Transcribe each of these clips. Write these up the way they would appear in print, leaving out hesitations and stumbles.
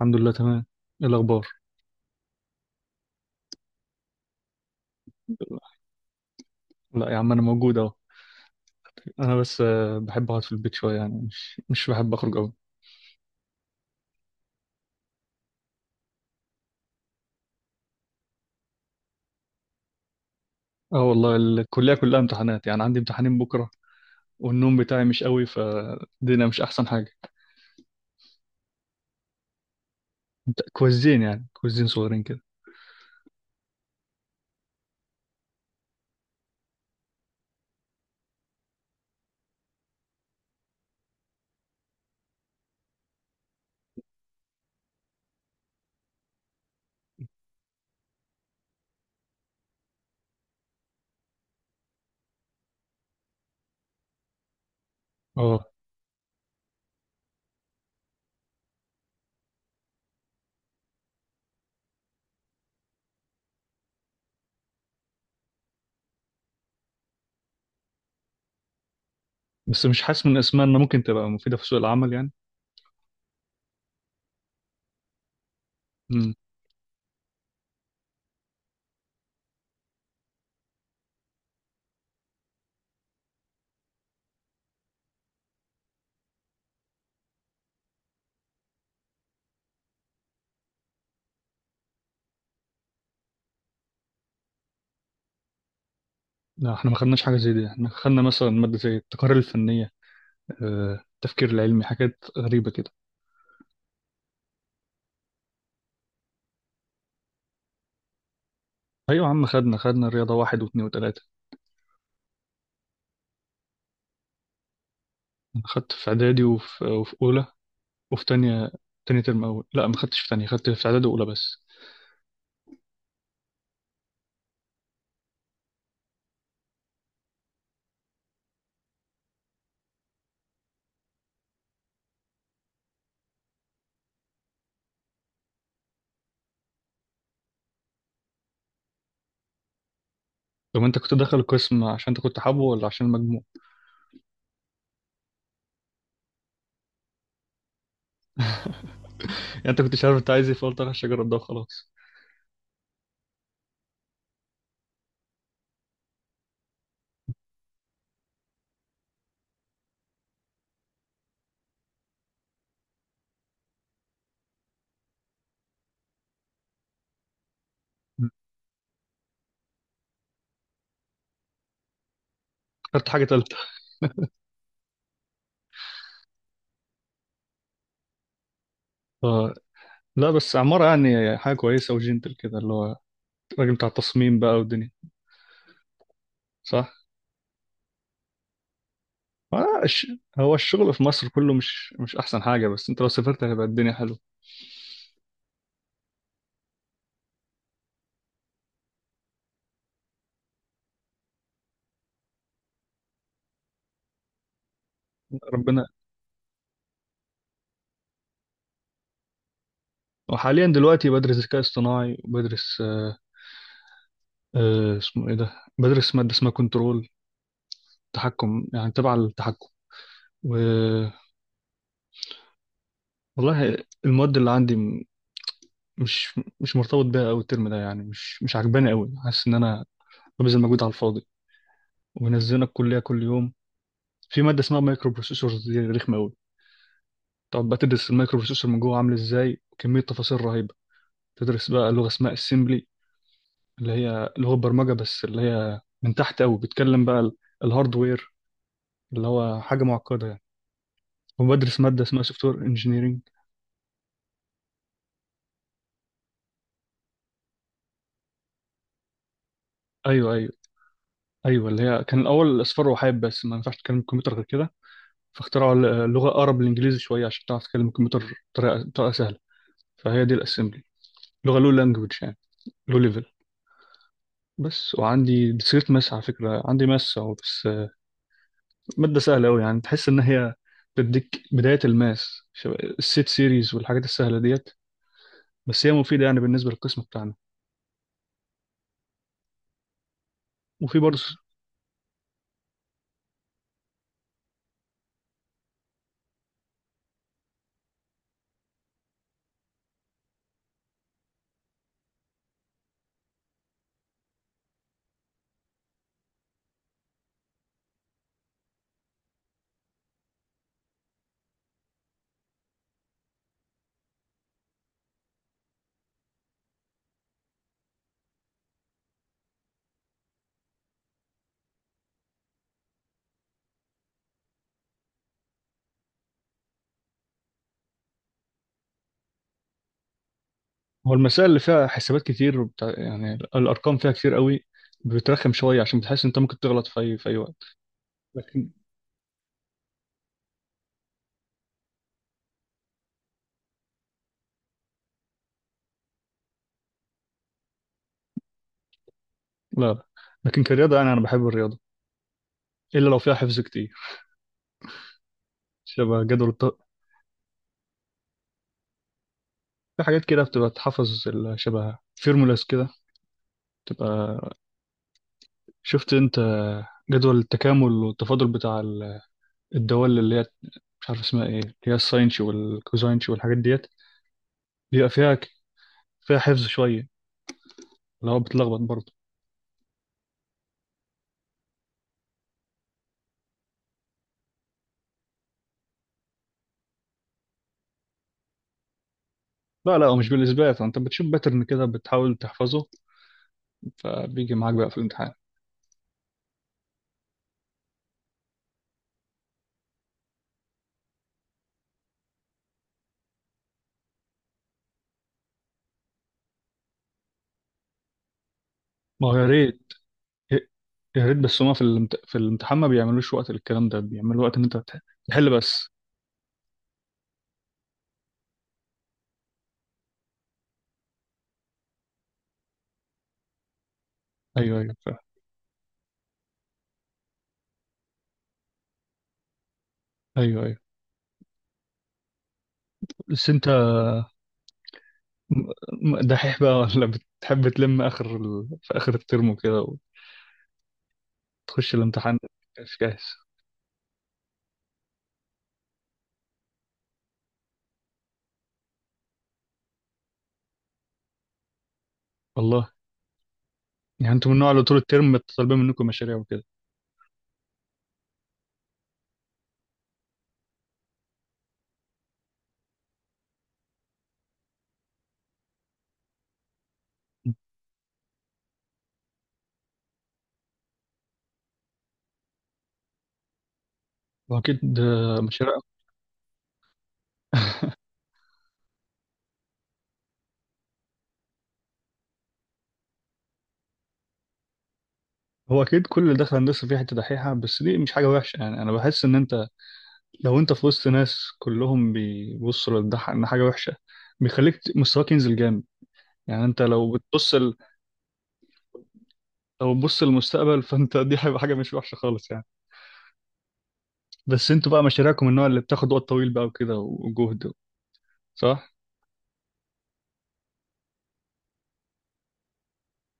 الحمد لله تمام. ايه الاخبار؟ لا يا عم انا موجود اهو. انا بس بحب اقعد في البيت شويه، يعني مش بحب اخرج قوي. اه والله الكليه كلها امتحانات، يعني عندي امتحانين بكره، والنوم بتاعي مش قوي، فالدنيا مش احسن حاجه. كويزين، يعني كويزين صغيرين كده. اه بس مش حاسس من اسمها انها ممكن تبقى مفيده في سوق العمل يعني. امم. لا احنا ما خدناش حاجه زي دي، احنا خدنا مثلا ماده زي التقارير الفنيه، التفكير العلمي، حاجات غريبه كده. ايوه يا عم خدنا الرياضه واحد واثنين وثلاثه. انا خدت في اعدادي وفي اولى وفي تانية. تاني ترم أول لا، ما خدتش في تانية، خدت في إعدادي وأولى بس. طب أنت كنت داخل القسم عشان أنت كنت حابه ولا عشان المجموع؟ يعني أنت كنتش عارف أنت عايز إيه، فقلت أخش أجرب ده وخلاص. اخترت حاجة تالتة. ف... لا بس عمارة، يعني حاجة كويسة وجنتل كده، اللي هو الراجل بتاع التصميم بقى والدنيا. صح؟ آه، الش- هو الشغل في مصر كله مش أحسن حاجة، بس أنت لو سافرت هيبقى الدنيا حلوة. ربنا. وحاليا دلوقتي بدرس ذكاء اصطناعي، وبدرس اسمه إيه ده؟ بدرس مادة اسمها كنترول، تحكم، يعني تبع التحكم. والله المواد اللي عندي مش مرتبط بيها قوي الترم ده، يعني مش عجباني قوي، حاسس ان انا ببذل مجهود على الفاضي، ومنزلنا الكليه كل يوم. في ماده اسمها مايكرو بروسيسورز، دي رخمه قوي. تقعد بقى تدرس المايكرو بروسيسور من جوه عامل ازاي، وكميه تفاصيل رهيبه. تدرس بقى لغه اسمها اسمبلي، اللي هي لغه برمجه، بس اللي هي من تحت قوي، بتكلم بقى الهاردوير، اللي هو حاجه معقده يعني. وبدرس ماده اسمها سوفت وير انجينيرنج. ايوه، ايوه. ايوه اللي هي كان الاول اصفار وحاب، بس ما ينفعش تتكلم الكمبيوتر غير كده، فاخترعوا اللغة أقرب للإنجليزي شوية عشان تعرف تتكلم الكمبيوتر بطريقة سهلة. فهي دي الأسمبلي، لغة لو لانجوج يعني، لو ليفل. بس وعندي ديسكريت ماس على فكرة، عندي ماس أهو بس. مادة سهلة أوي، يعني تحس إن هي بتديك بداية الماس، شبه السيت سيريز والحاجات السهلة ديت. بس هي مفيدة يعني بالنسبة للقسم بتاعنا. وفي برضه. هو المسائل اللي فيها حسابات كتير وبتاع، يعني الأرقام فيها كتير أوي، بترخم شوية، عشان بتحس إن أنت ممكن تغلط في أي في أي وقت. لكن لا، لا. لكن كرياضة يعني أنا بحب الرياضة، إلا لو فيها حفظ كتير، شبه في حاجات كده بتبقى تحفظ شبه فيرمولاس كده، تبقى شفت انت جدول التكامل والتفاضل بتاع الدوال، اللي هي مش عارف اسمها ايه، اللي هي الساينش والكوزاينش والحاجات ديت، بيبقى فيها ك- فيها حفظ شوية، اللي هو بتلخبط برضه. لا، لا، هو مش بالإثبات، انت بتشوف باترن كده بتحاول تحفظه، فبيجي معاك بقى في الامتحان. ما هو يا ريت، يا ريت، بس هما في في الامتحان ما بيعملوش وقت للكلام ده، بيعملوا وقت ان انت تحل بس. ايوه، ايوه فاهم. ايوه، ايوه. بس انت دحيح بقى ولا بتحب تلم اخر في اخر الترم كده، وتخش الامتحان مش جاهز؟ والله. يعني انتوا من النوع اللي طول الترم طالبين منكم مشاريع وكده. هو اكيد مشاريع. هو اكيد كل اللي داخل هندسه فيه حته دحيحه، بس دي مش حاجه وحشه، يعني انا بحس ان انت لو انت في وسط ناس كلهم بيبصوا للدح ان حاجه وحشه، بيخليك مستواك ينزل جامد. يعني انت لو بتبص لو بتبص للمستقبل فانت دي هيبقى حاجه مش وحشه خالص يعني. بس انتوا بقى مشاريعكم من النوع اللي بتاخد وقت طويل بقى وكده وجهد. صح.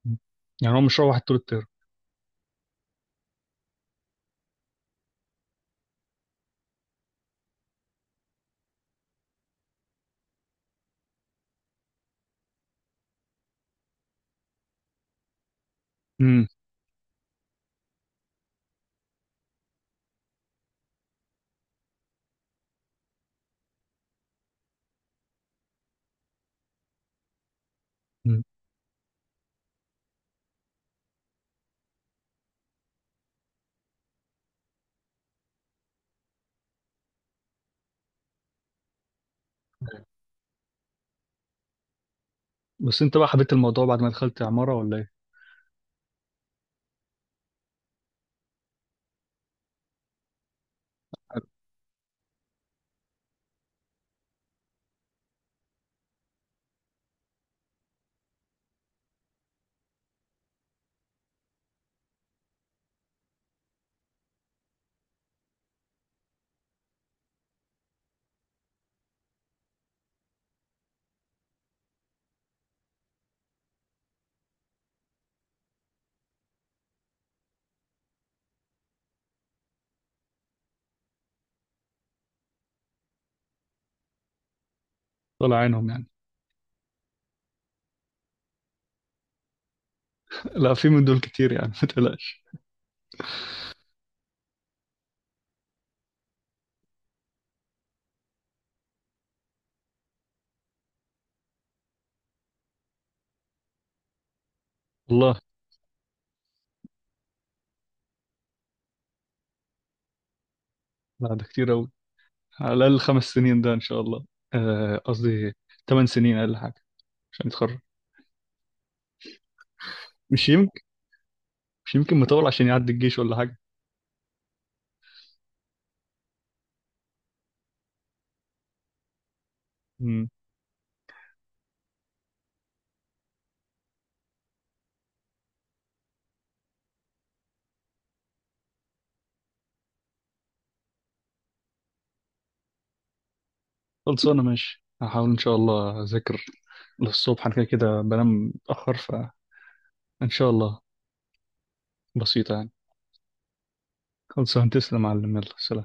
مم. يعني هو مش هو واحد طول الترم. امم. أمم. بس انت بقى حبيت الموضوع بعد ما دخلت عمارة ولا ايه؟ طلع عينهم يعني. لا، في من دول كتير يعني ما تقلقش. والله. لا ده كتير قوي، على الاقل 5 سنين ده ان شاء الله، قصدي 8 سنين اقل حاجة عشان يتخرج. مش يمكن، مش يمكن مطول عشان يعدي الجيش ولا حاجة؟ امم. خلصانة ماشي، هحاول ان شاء الله اذاكر للصبح، انا كده كده بنام متأخر، فان شاء الله بسيطة يعني. خلصان تسلم يا معلم، يلا سلام.